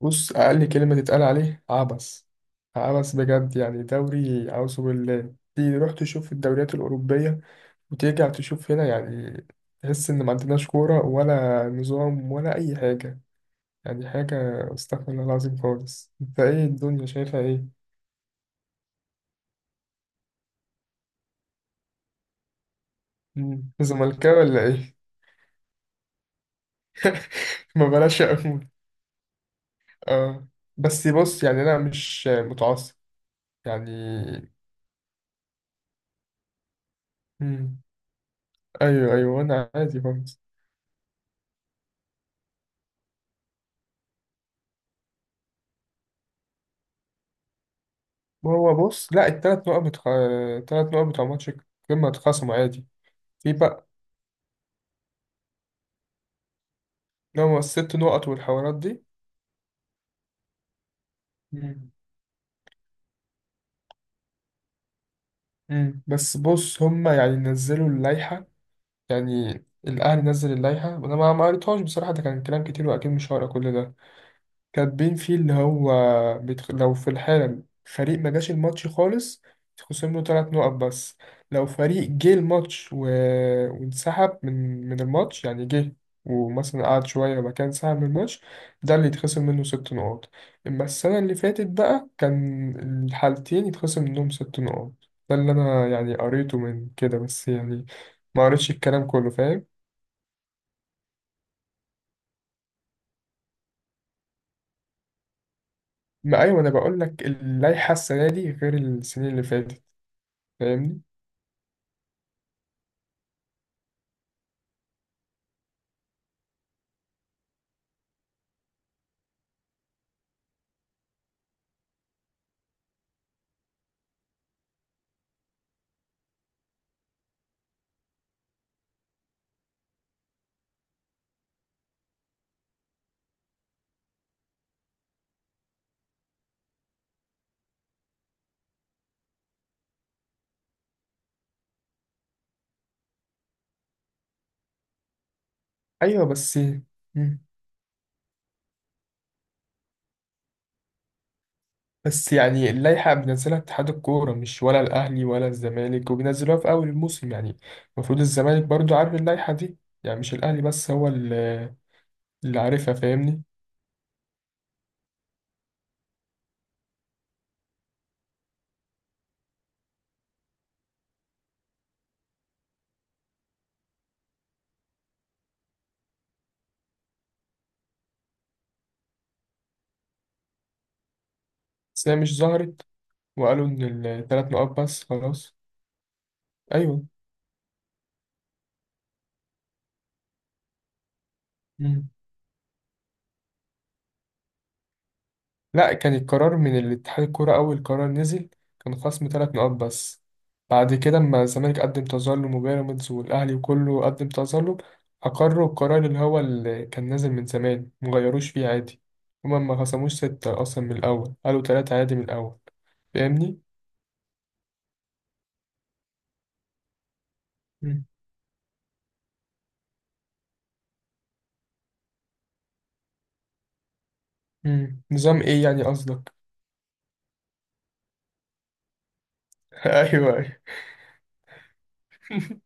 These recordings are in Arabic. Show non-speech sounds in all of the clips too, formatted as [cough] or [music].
بص، أقل كلمة تتقال عليه عبث. عبث بجد، يعني دوري أعوذ بالله. تيجي تروح تشوف الدوريات الأوروبية وترجع تشوف هنا، يعني تحس إن ما عندناش كورة ولا نظام ولا أي حاجة. يعني حاجة، استغفر الله العظيم خالص. أنت إيه الدنيا شايفها إيه؟ مم. زملكاوي ولا إيه؟ [laughs] ما بلاش أقول. آه. بس بص، يعني أنا مش متعصب. يعني مم. أيوه أيوه أنا عادي خالص. هو بص، لا التلات نقط التلات نقط بتوع ماتش القمة اتخصموا عادي. في بقى اللي هو الست نقط والحوارات دي. مم. مم. بس بص، هما يعني نزلوا اللائحة، يعني الأهلي نزل اللائحة. أنا ما قريتهاش بصراحة، ده كان كلام كتير وأكيد مش هقرا كل ده. كاتبين فيه اللي هو لو في الحالم فريق ما جاش الماتش خالص، تخصم له ثلاث نقط بس. لو فريق جه الماتش و... وانسحب من الماتش، يعني جه ومثلا قعد شوية وبعد كده انسحب من الماتش، ده اللي يتخصم منه ست نقاط. أما السنة اللي فاتت بقى كان الحالتين يتخصم منهم ست نقاط. ده اللي أنا يعني قريته من كده، بس يعني ما قريتش الكلام كله، فاهم. ما أيوة أنا بقول لك، اللائحة السنة دي غير السنين اللي فاتت، فاهمني. ايوه بس مم. بس يعني اللائحه بينزلها اتحاد الكوره، مش ولا الاهلي ولا الزمالك، وبينزلوها في اول الموسم. يعني المفروض الزمالك برضو عارف اللائحه دي، يعني مش الاهلي بس هو اللي عارفها، فاهمني. بس هي مش ظهرت وقالوا ان الثلاث نقاط بس، خلاص. ايوه مم. لا، كان القرار من الاتحاد الكورة، أول قرار نزل كان خصم تلات نقاط بس. بعد كده لما الزمالك قدم تظلم وبيراميدز والأهلي وكله قدم تظلم، أقروا القرار اللي هو اللي كان نازل من زمان، مغيروش فيه عادي. هما ما خصموش ستة أصلا من الأول، قالوا تلاتة عادي من الأول. فاهمني؟ مم. مم. نظام إيه يعني قصدك؟ [laughs] أيوه أيوه. [laughs]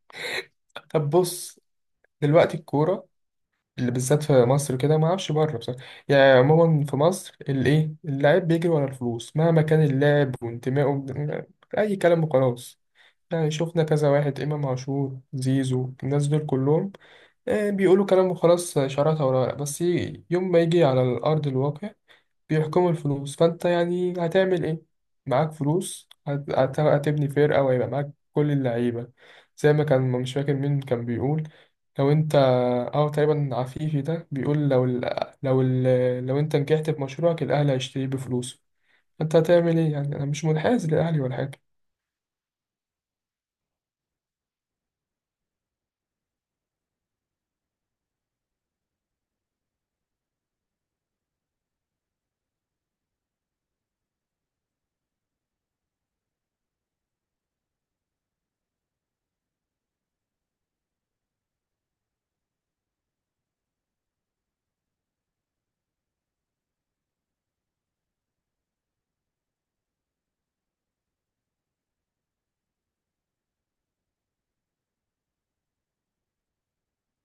طب بص، دلوقتي الكورة اللي بالذات في مصر كده، ما اعرفش بره بصراحه. يعني عموما في مصر الايه، اللاعب بيجري ورا الفلوس مهما كان اللاعب وانتمائه اي كلام وخلاص. يعني شفنا كذا واحد، امام عاشور، زيزو، الناس دول كلهم، آه، بيقولوا كلام وخلاص شراكه ولا بس يوم ما يجي على الارض الواقع بيحكموا الفلوس. فانت يعني هتعمل ايه، معاك فلوس هتبني فرقة وهيبقى معاك كل اللعيبة. زي ما كان مش فاكر مين كان بيقول، لو انت، او تقريبا عفيفي ده بيقول لو ال... لو انت نجحت في مشروعك الاهلي هيشتريه بفلوسه، انت هتعمل ايه؟ يعني انا مش منحاز للاهلي ولا حاجة.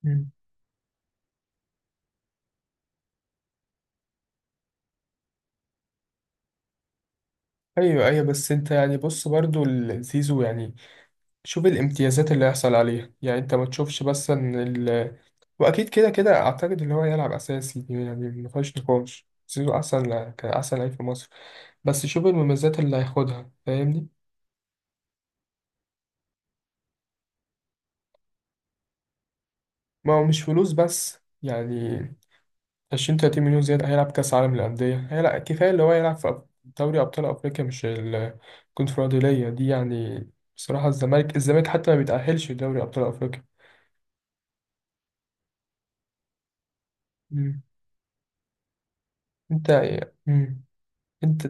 مم. ايوه ايوه بس انت يعني، بص برضو زيزو يعني شوف الامتيازات اللي هيحصل عليها. يعني انت ما تشوفش بس ان، واكيد كده كده اعتقد اللي هو يلعب اساسي، يعني ما فيهاش نقاش زيزو احسن، كان احسن لعيب في مصر. بس شوف المميزات اللي هياخدها، فاهمني. ما هو مش فلوس بس يعني، 20 30 مليون زيادة، هيلعب كاس عالم للانديه، هيلعب كفايه اللي هو يلعب في دوري ابطال افريقيا مش الكونفدراليه دي. يعني بصراحه الزمالك حتى ما بيتاهلش لدوري ابطال افريقيا. مم. انت مم. انت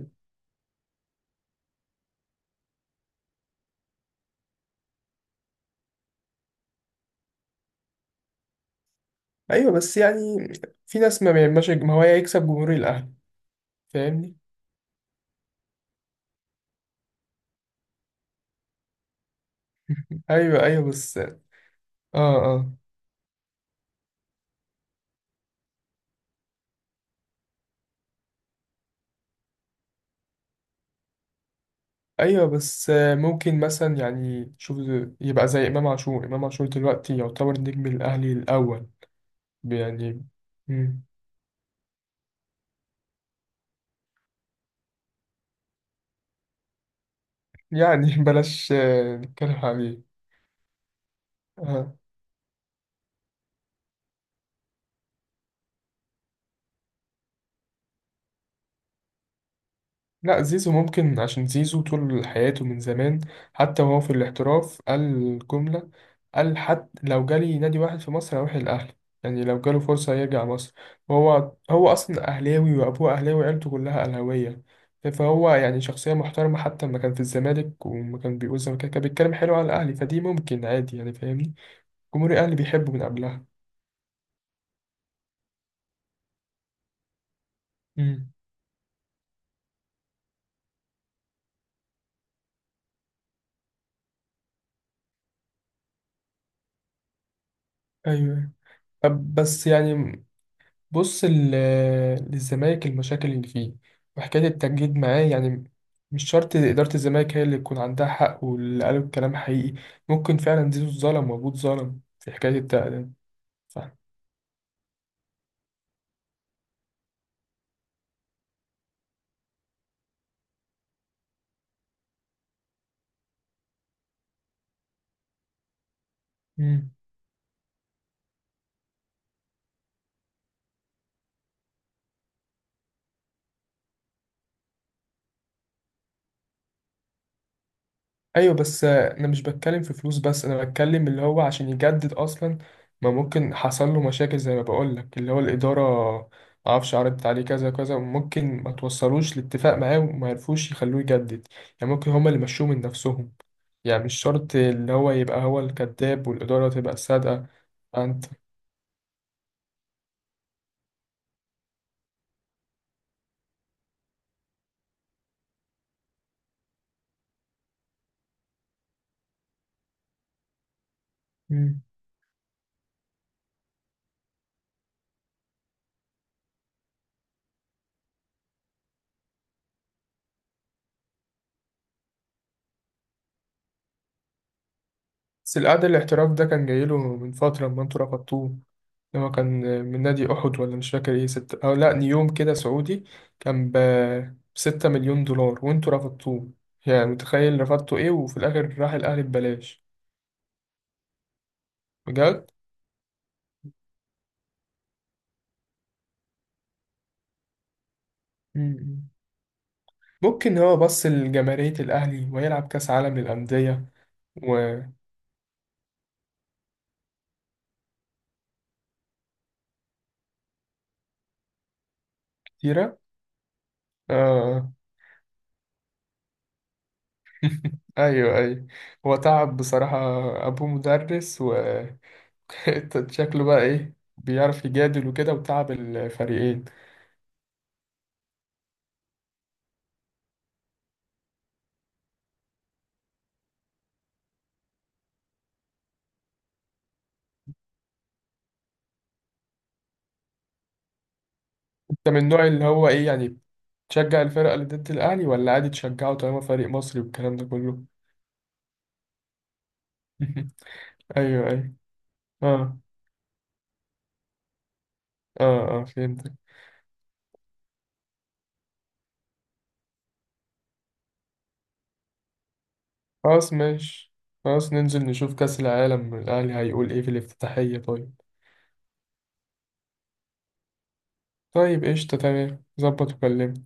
ايوه بس يعني، في ناس ما بيعملش، ما هو هيكسب جمهور الاهلي، فاهمني. ايوه ايوه بس اه اه. ايوه بس آه، ممكن مثلا يعني شوف، يبقى زي امام عاشور. امام عاشور دلوقتي يعتبر نجم الاهلي الاول، يعني مم. يعني [laughs] بلاش آه، نتكلم عليه. آه. لا زيزو ممكن، عشان زيزو طول حياته من زمان، حتى وهو في الاحتراف قال الجملة، قال حتى لو جالي نادي واحد في مصر هروح الأهلي، يعني لو جاله فرصة يرجع مصر. وهو أصلا أهلاوي وأبوه أهلاوي وعيلته كلها أهلاوية، فهو يعني شخصية محترمة، حتى لما كان في الزمالك وما كان بيقول الزمالك كان بيتكلم حلو على الأهلي، فدي ممكن عادي يعني، فاهمني. جمهور الأهلي بيحبه من قبلها. امم أيوه. طب بس يعني بص للزمالك المشاكل اللي فيه وحكاية التجديد معاه، يعني مش شرط إدارة الزمالك هي اللي يكون عندها حق واللي قالوا الكلام حقيقي. ممكن فعلا زيزو اتظلم وأبوه اتظلم في حكاية التقديم. صح. مم. أيوة بس أنا مش بتكلم في فلوس بس، أنا بتكلم اللي هو عشان يجدد أصلا، ما ممكن حصل له مشاكل زي ما بقولك اللي هو الإدارة معرفش عرضت عليه كذا كذا، وممكن ما توصلوش لاتفاق معاه وما يعرفوش يخلوه يجدد. يعني ممكن هما اللي مشوه من نفسهم، يعني مش شرط اللي هو يبقى هو الكذاب والإدارة تبقى الصادقة. أنت مم. بس القعد الاحتراف ده كان جايله من فترة لما انتوا رفضتوه، اللي هو كان من نادي أحد ولا مش فاكر ايه ستة، أو لأ نيوم كده سعودي، كان بـ6 مليون دولار وانتوا رفضتوه. يعني متخيل رفضتوا ايه وفي الآخر راح الأهلي ببلاش. بجد؟ مم. ممكن هو بص لجماهيرية الأهلي ويلعب كأس عالم للأندية. وكتيرة. آه ايوه ايوه. هو تعب بصراحة، ابوه مدرس و [laughs] شكله بقى ايه، بيعرف يجادل وكده وتعب الفريقين. انت من النوع اللي هو ايه يعني، تشجع الفرقة اللي ضد الاهلي ولا عادي تشجعه طالما فريق مصري والكلام ده كله؟ [laughs] ايوه ايوه اه اه. اه فهمتك. خلاص ماشي. خلاص ننزل نشوف كأس العالم، الاهلي هيقول ايه في الافتتاحية، طيب. طيب قشطة تمام ظبط وكلمني.